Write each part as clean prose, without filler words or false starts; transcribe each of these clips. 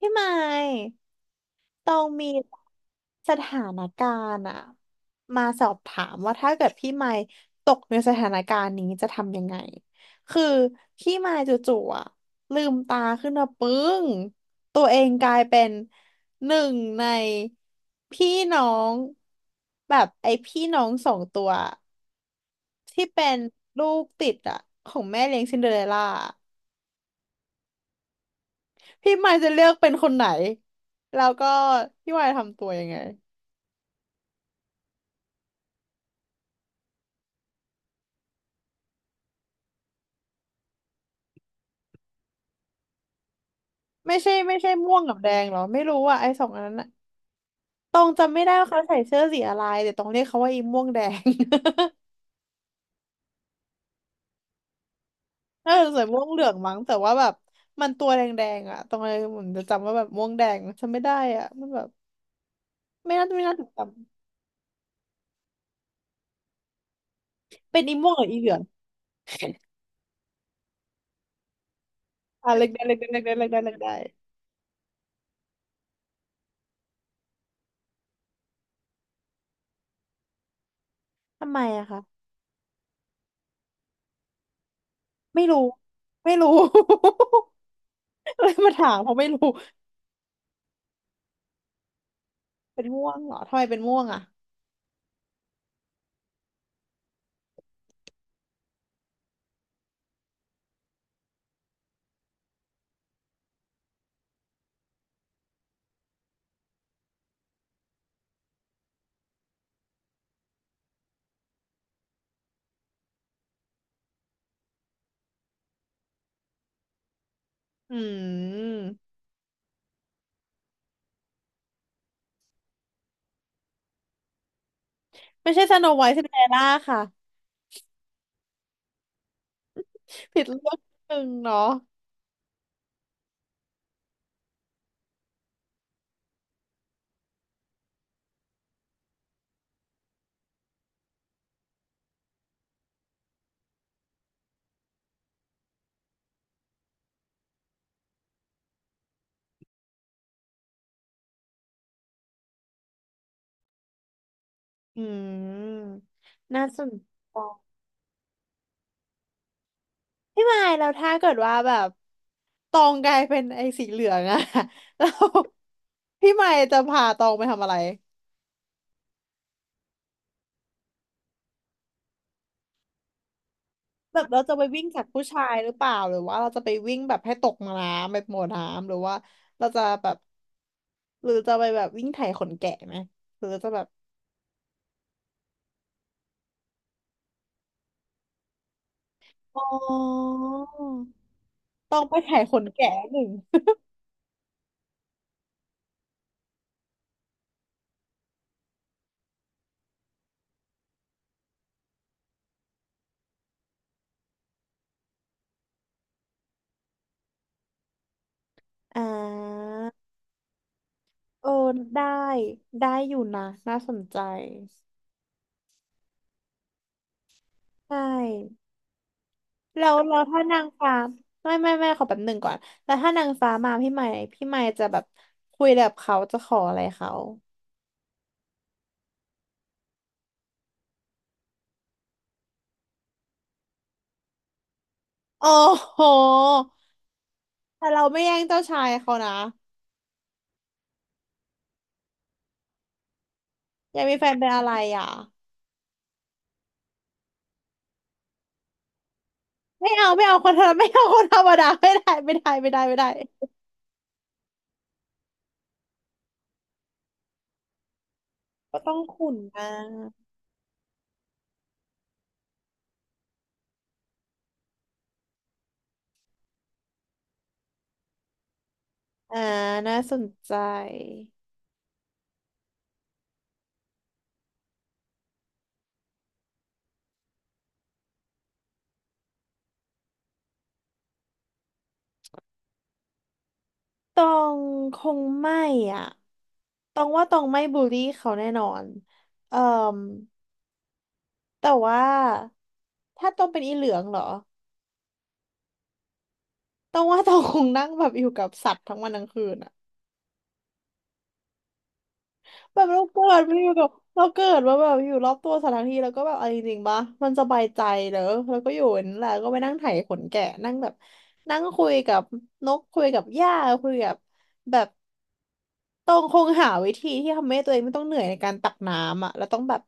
พี่ไมค์ต้องมีสถานการณ์อะมาสอบถามว่าถ้าเกิดพี่ไมค์ตกในสถานการณ์นี้จะทำยังไงคือพี่ไมค์จู่ๆอะลืมตาขึ้นมาปึ้งตัวเองกลายเป็นหนึ่งในพี่น้องแบบไอ้พี่น้องสองตัวที่เป็นลูกติดอะของแม่เลี้ยงซินเดอเรลล่าพี่ไมค์จะเลือกเป็นคนไหนแล้วก็พี่ไมค์ทำตัวยังไง ไม่ใช่ไม่ใช่ม่วงกับแดงเหรอไม่รู้อ่ะไอ้สองอันนั้นอะตองจำไม่ได้ว่าเขาใส่เสื้อสีอะไรแต่ตองเรียกเขาว่าอีม่วงแดง น่าจะใส่ม่วงเหลืองมั้งแต่ว่าแบบมันตัวแดงๆอ่ะตองเลยเหมือนจะจำว่าแบบม่วงแดงจำไม่ได้อ่ะมันแบบไม่น่าถูกจำเป็นอีม่วงหรืออีเหลือง อ่ะเล็กได้เล็กได้เล็กได้เล็กได้เล็กได้ทำไมอะคะไม่รู้ไม่รู้ เลยมาถามเพราะไม่รู้เป็นม่วงเหรอทำไมเป็นม่วงอ่ะอืมไม่ใช่สโนไวท์ซินเดอเรลล่าค่ะ ผิดเรื่องหนึ่งเนาะอืมน่าสนใจพี่มายแล้วถ้าเกิดว่าแบบตองกลายเป็นไอ้สีเหลืองอะ แล้วพี่มายจะพาตองไปทำอะไรแบบเราจะไปวิ่งจากผู้ชายหรือเปล่าหรือว่าเราจะไปวิ่งแบบให้ตกน้ำแบบหมดน้ำหรือว่าเราจะแบบหรือจะไปแบบวิ่งไถขนแกะไหมหรือจะแบบอ๋อต้องไปไถขนแกะหนึ่งอ่า เออได้ได้อยู่นะน่าสนใจใช่แล้วถ้านางฟ้าไม่ไม่ไม่ขอแป๊บหนึ่งก่อนแล้วถ้านางฟ้ามาพี่ใหม่พี่ใหม่จะแบบคุยแบบเขาจะขออะไรเขาโอ้โหแต่เราไม่แย่งเจ้าชายเขานะอยากมีแฟนเป็นอะไรอ่ะไม่เอาไม่เอาคนธรรมไม่เอาคนธรรมดาไม่ได้ก็ต้องขุนนะอ่าน่าสนใจ ตองคงไม่อ่ะตองว่าตองไม่บูลลี่เขาแน่นอนเอ่อแต่ว่าถ้าตองเป็นอีเหลืองเหรอตองว่าตองคงนั่งแบบอยู่กับสัตว์ทั้งวันทั้งคืนอ่ะแบบเราเกิดมาอยู่กับเราเกิดมาแบบอยู่รอบตัวสัตว์ทั้งทีแล้วก็แบบเอาจริงๆปะมันสบายใจเหรอแล้วก็อยู่อย่างนั่นแหละก็ไปนั่งไถขนแกะนั่งแบบนั่งคุยกับนกคุยกับหญ้าคุยกับแบบ ต้องคงหาวิธีที่ทำให้ตัวเองไม่ต้องเหนื่อยในการตักน้ำอ่ะแล้วต้องแบบ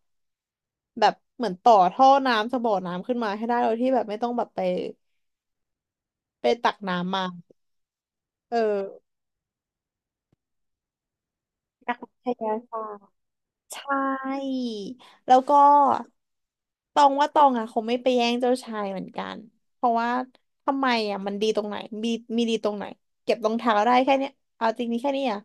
แบบเหมือนต่อท่อน้ำสบ่อน้ำขึ้นมาให้ได้โดยที่แบบไม่ต้องแบบไปตักน้ำมาเอออยากใช้ไฟฟ้าใช่แล้วก็ตองว่าตองอ่ะคงไม่ไปแย่งเจ้าชายเหมือนกันเพราะว่าทำไมอ่ะมันดีตรงไหนมีมีดีตรงไหนเก็บรองเท้าได้แค่เนี้ยเอาจริงนี่แค่นี้อ่ะ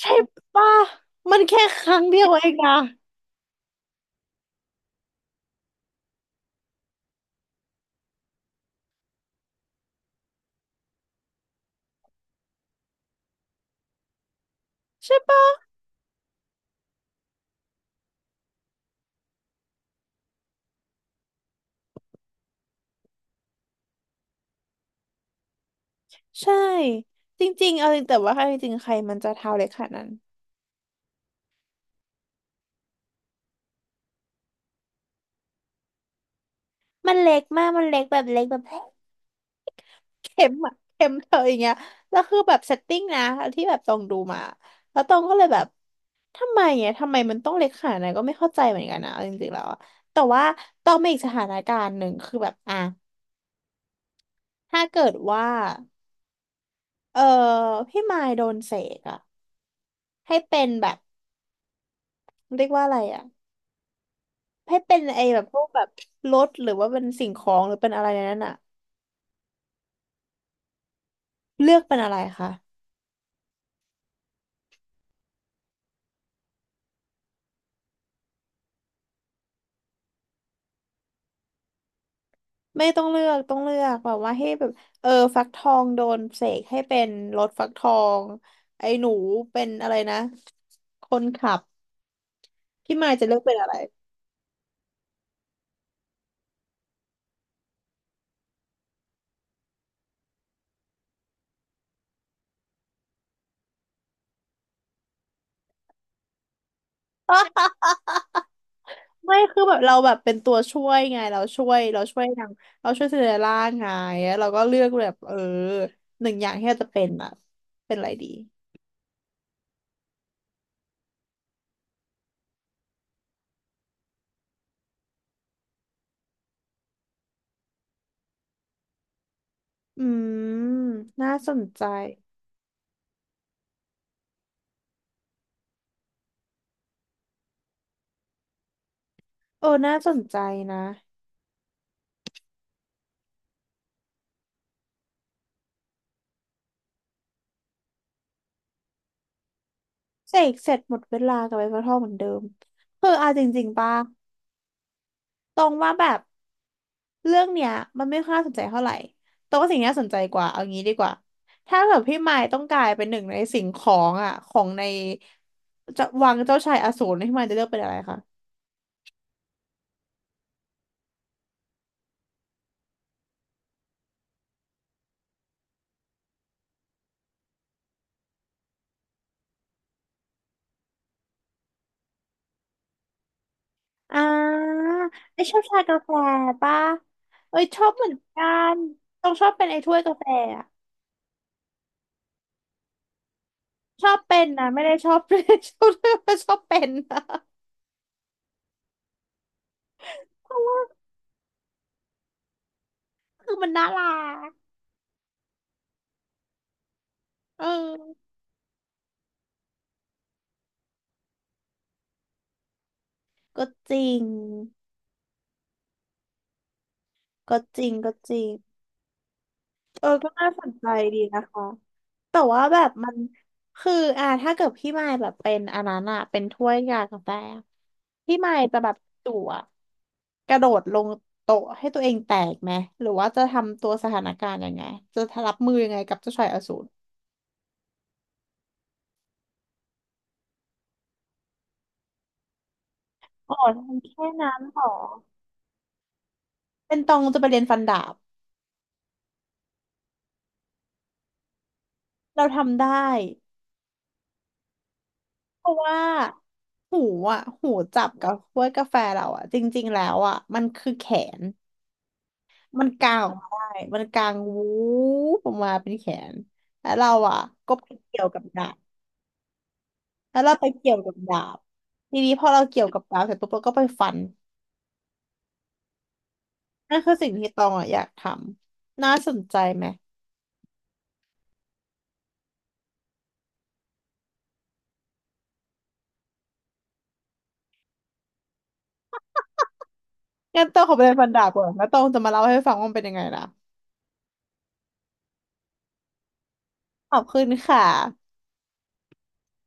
ใช่ป่ะมันแค่ครั้งเดียวเองนะใช่ปะ ใช่จริงๆเอาจริงแต่ว่าเอาจริงๆใครมันจะเท้าเล็กขนาดนั้นมันเล็กมากมันเล็กแบบเล็กแบบเข็มอะเข็มเธออย่างเงี้ยแล้วคือแบบเซตติ้งนะที่แบบตองดูมาแล้วตองก็เลยแบบทำไมอ่ะทำไมมันต้องเล็กขนาดนั้นก็ไม่เข้าใจเหมือนกันนะเอาจริงๆแล้วอะแต่ว่าตองมีอีกสถานการณ์หนึ่งคือแบบอ่ะถ้าเกิดว่าเออพี่มายโดนเสกอะให้เป็นแบบเรียกว่าอะไรอะให้เป็นไอ้แบบพวกแบบรถหรือว่าเป็นสิ่งของหรือเป็นอะไรในนั้นอะ เลือกเป็นอะไรคะไม่ต้องเลือกต้องเลือกแบบว่าให้แบบเออฟักทองโดนเสกให้เป็นรถฟักทองไอ้หนูเป็นอะไรนะคนขับพี่มายจะเลือกเป็นอะไรไม่คือแบบเราแบบเป็นตัวช่วยไงเราช่วยเราช่วยนางเราช่วยซินเดอเรลล่าไงแล้วเราก็เลือกแบบเออหนึ่งอย่างที่เราจะเป็นอะเป็นอะไรดีอืมน่าสนใจเออน่าสนใจนะเสกเสร็จหมดเวลากับไอ้ฟักทองเหมือนเดิมคือเอาจริงๆป่ะ ตรงว่าแบบเรื่องเนี้ยมันไม่ค่อยน่าสนใจเท่าไหร่ตรงว่าสิ่งที่น่าสนใจกว่าเอางี้ดีกว่าถ้าแบบพี่มายต้องกลายเป็นหนึ่งในสิ่งของอ่ะของในจะวังเจ้าชายอสูรพี่มายจะเลือกเป็นอะไรคะอ่าไอชอบชากาแฟป่ะเอ้ยชอบเหมือนกันต้องชอบเป็นไอถ้วยกาแฟอะชอบเป็นนะไม่ได้ชอบ ชอบเป็นนะ เพราะว่าคือมันน่ารักเออก็จริงก็จริง เออก็น่าสนใจดีนะคะแต่ว่าแบบมันคืออ่าถ้าเกิดพี่มายแบบเป็นอันนั้นอะเป็นถ้วยกากาแฟอะพี่มายจะแบบจั่วกระโดดลงโต๊ะให้ตัวเองแตกไหมหรือว่าจะทำตัวสถานการณ์ยังไงจะรับมือยังไงกับเจ้าชายอสูรอ๋อทำแค่นั้นเหรอเป็นตองจะไปเรียนฟันดาบเราทำได้เพราะว่าหูอ่ะหูจับกับถ้วยกาแฟเราอ่ะจริงๆแล้วอ่ะมันคือแขน มันกางออกมาได้มันกางวูบออกมาเป็นแขนแล้วเราอ่ะก็ไปเกี่ยวกับดาบแล้วเราไปเกี่ยวกับดาบ ทีนี้พอเราเกี่ยวกับดาบเสร็จปุ๊บเราก็ไปฟันนั่นคือสิ่งที่ตองอ่ะอยากทำน่าสนใจไหมงั้นตองขอไปเรียนฟันดาบก่อนแล้วตองจะมาเล่าให้ฟังว่ามันเป็นยังไงนะขอบคุณค่ะ